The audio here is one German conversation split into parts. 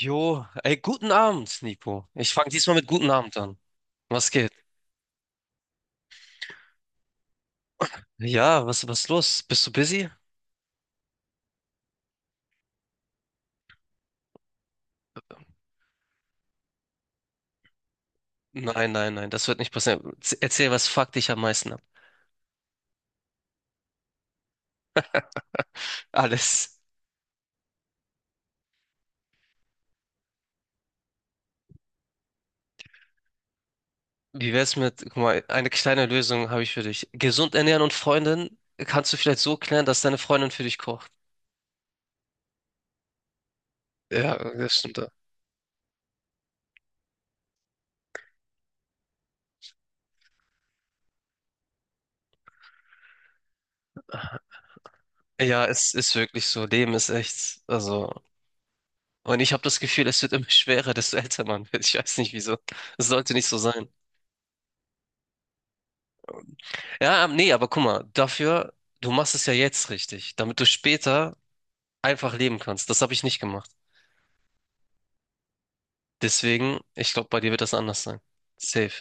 Jo, ey, guten Abend, Nico. Ich fange diesmal mit guten Abend an. Was geht? Ja, was ist los? Bist du busy? Nein, nein, nein, das wird nicht passieren. Erzähl, was fuckt dich am meisten ab? Alles. Wie wär's mit, guck mal, eine kleine Lösung habe ich für dich. Gesund ernähren und Freundin kannst du vielleicht so klären, dass deine Freundin für dich kocht. Ja, das stimmt. Ja, es ist wirklich so. Leben ist echt, also. Und ich habe das Gefühl, es wird immer schwerer, desto älter man wird. Ich weiß nicht wieso. Es sollte nicht so sein. Ja, nee, aber guck mal, dafür, du machst es ja jetzt richtig, damit du später einfach leben kannst. Das habe ich nicht gemacht. Deswegen, ich glaube, bei dir wird das anders sein. Safe.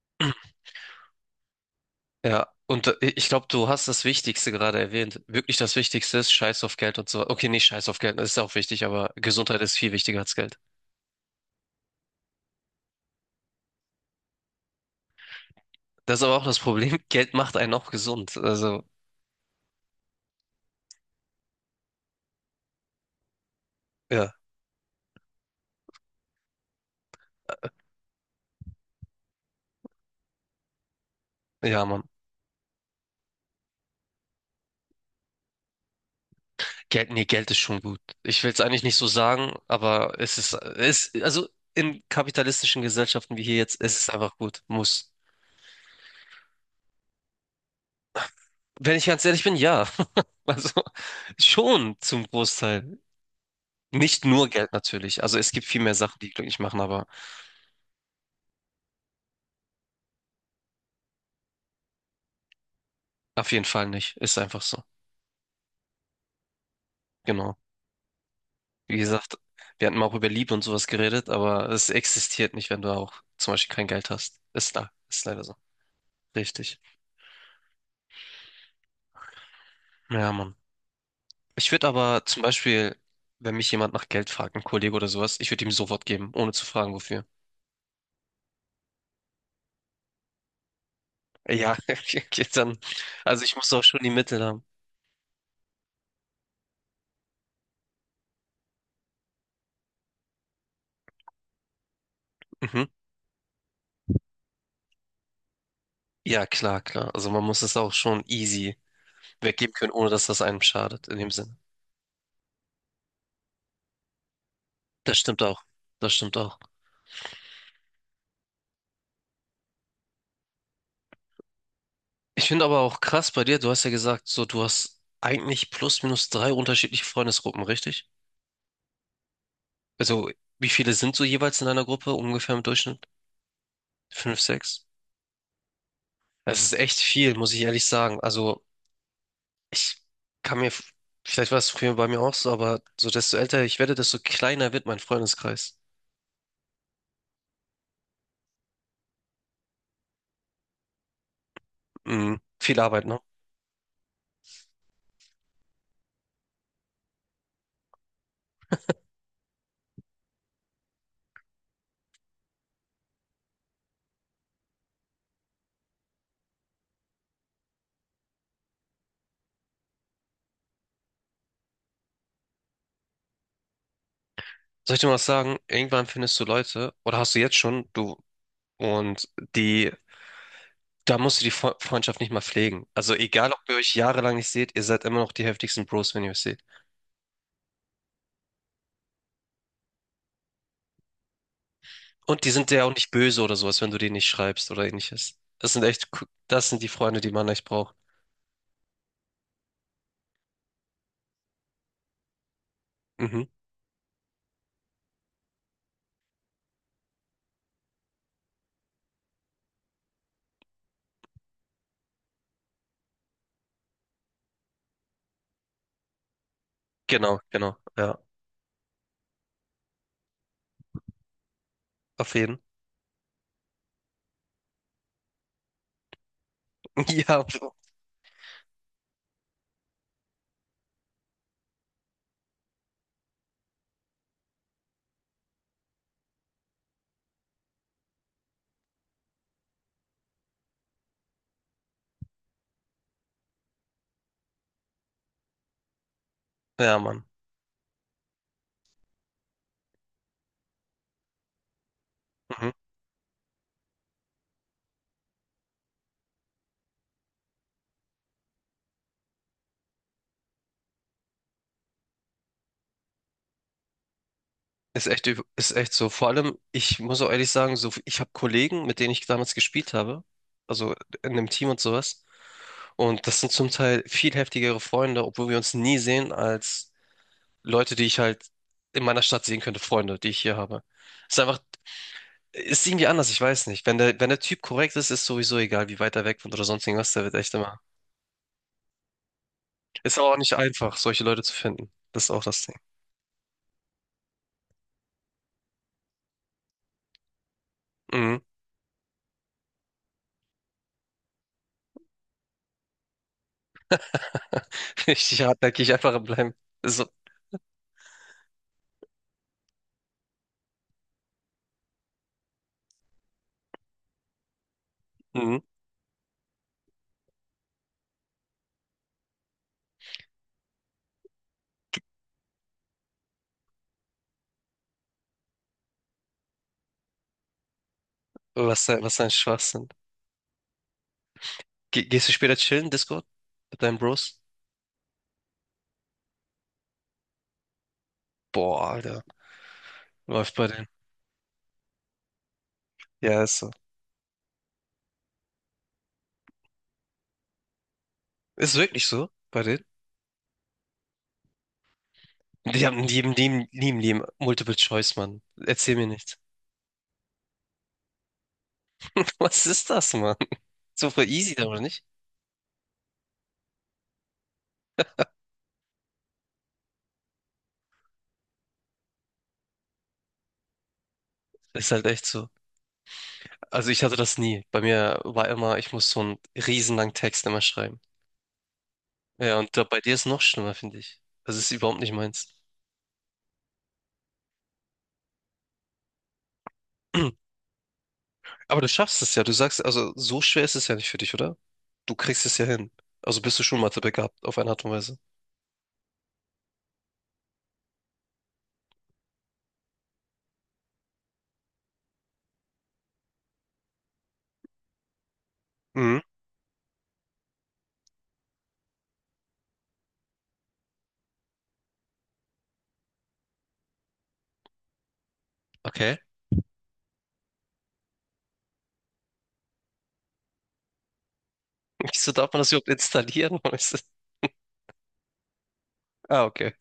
Ja, und ich glaube, du hast das Wichtigste gerade erwähnt. Wirklich das Wichtigste ist Scheiß auf Geld und so. Okay, nicht Scheiß auf Geld, das ist auch wichtig, aber Gesundheit ist viel wichtiger als Geld. Das ist aber auch das Problem. Geld macht einen auch gesund. Also, ja, ja, Mann. Geld, nee, Geld ist schon gut. Ich will es eigentlich nicht so sagen, aber es ist, es, also in kapitalistischen Gesellschaften wie hier jetzt, es ist einfach gut. Muss. Wenn ich ganz ehrlich bin, ja. Also schon zum Großteil. Nicht nur Geld natürlich. Also es gibt viel mehr Sachen, die glücklich machen, aber auf jeden Fall nicht. Ist einfach so. Genau. Wie gesagt, wir hatten mal auch über Liebe und sowas geredet, aber es existiert nicht, wenn du auch zum Beispiel kein Geld hast. Ist da. Ist leider so. Richtig. Ja, Mann. Ich würde aber zum Beispiel, wenn mich jemand nach Geld fragt, ein Kollege oder sowas, ich würde ihm sofort geben, ohne zu fragen, wofür. Ja, okay, dann. Also ich muss auch schon die Mittel haben. Mhm. Ja, klar, klar. Also man muss es auch schon easy weggeben können, ohne dass das einem schadet, in dem Sinne. Das stimmt auch. Das stimmt auch. Ich finde aber auch krass bei dir, du hast ja gesagt, so du hast eigentlich plus minus drei unterschiedliche Freundesgruppen, richtig? Also wie viele sind so jeweils in einer Gruppe ungefähr im Durchschnitt? Fünf, sechs? Das ist echt viel, muss ich ehrlich sagen. Also, ich kann mir, vielleicht war es früher bei mir auch so, aber so desto älter ich werde, desto kleiner wird mein Freundeskreis. Mhm. Viel Arbeit, ne? Soll ich dir mal was sagen? Irgendwann findest du Leute, oder hast du jetzt schon, du, und die, da musst du die Freundschaft nicht mal pflegen. Also egal, ob ihr euch jahrelang nicht seht, ihr seid immer noch die heftigsten Bros, wenn ihr euch seht. Und die sind dir auch nicht böse oder sowas, wenn du denen nicht schreibst oder ähnliches. Das sind echt, das sind die Freunde, die man echt braucht. Mhm. Genau, genau, ja. Auf jeden. Ja, Bro. Ja, Mann. Mhm. Ist echt, ist echt so. Vor allem, ich muss auch ehrlich sagen, so, ich habe Kollegen, mit denen ich damals gespielt habe, also in einem Team und sowas. Und das sind zum Teil viel heftigere Freunde, obwohl wir uns nie sehen, als Leute, die ich halt in meiner Stadt sehen könnte, Freunde, die ich hier habe. Ist einfach, ist irgendwie anders, ich weiß nicht. Wenn der, wenn der Typ korrekt ist, ist sowieso egal, wie weit er weg wohnt oder sonst irgendwas, der wird echt immer. Ist aber auch nicht einfach, solche Leute zu finden. Das ist auch das Ding. Mhm. Richtig hartnäckig einfach bleiben. So, mhm. Was, was ein Schwachsinn. Ge Gehst du später chillen, Discord? Mit deinen Bros? Boah, Alter. Läuft bei denen. Ja, ist so. Ist wirklich so, bei denen? Die haben die Multiple Choice, Mann. Erzähl mir nichts. Was ist das, Mann? So voll easy, oder nicht? Ist halt echt so. Also ich hatte das nie. Bei mir war immer, ich muss so einen riesenlangen Text immer schreiben. Ja, und da, bei dir ist noch schlimmer, finde ich. Das ist überhaupt nicht meins. Aber du schaffst es ja. Du sagst, also so schwer ist es ja nicht für dich, oder? Du kriegst es ja hin. Also bist du schon Mathe begabt, auf eine Art und Weise. Mhm. Okay. Wieso darf man das überhaupt installieren? Warum ist Ah, okay.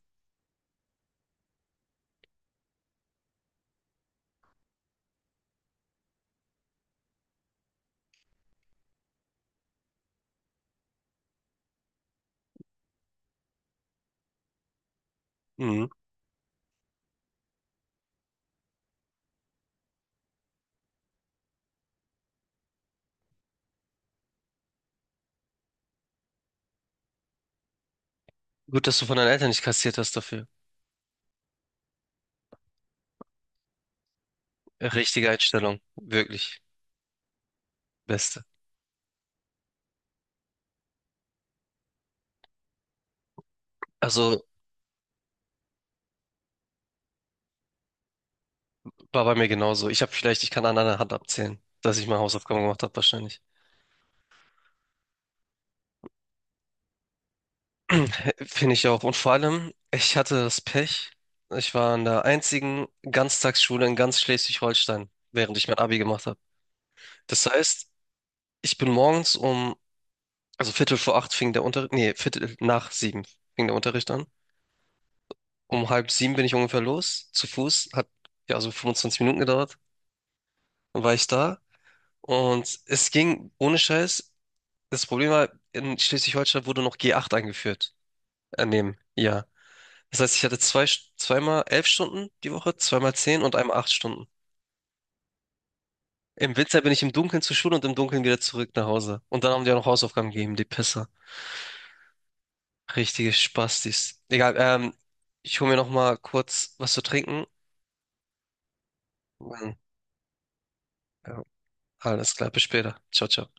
Mhm. Gut, dass du von deinen Eltern nicht kassiert hast dafür. Richtige Einstellung. Wirklich. Beste. Also war bei mir genauso. Ich habe vielleicht, ich kann an einer Hand abzählen, dass ich meine Hausaufgaben gemacht habe, wahrscheinlich. Finde ich auch. Und vor allem, ich hatte das Pech, ich war in der einzigen Ganztagsschule in ganz Schleswig-Holstein, während ich mein Abi gemacht habe. Das heißt, ich bin morgens um, also Viertel vor acht fing der Unterricht, nee, Viertel nach sieben fing der Unterricht an. Um halb sieben bin ich ungefähr los, zu Fuß. Hat ja so 25 Minuten gedauert. Dann war ich da. Und es ging ohne Scheiß. Das Problem war, in Schleswig-Holstein wurde noch G8 eingeführt. Neben, ja. Das heißt, ich hatte zwei, zweimal 11 Stunden die Woche, zweimal zehn und einmal 8 Stunden. Im Winter bin ich im Dunkeln zur Schule und im Dunkeln wieder zurück nach Hause. Und dann haben die auch noch Hausaufgaben gegeben, die Pisser. Richtige Spastis. Egal, ich hole mir noch mal kurz was zu trinken. Ja, alles klar, bis später. Ciao, ciao.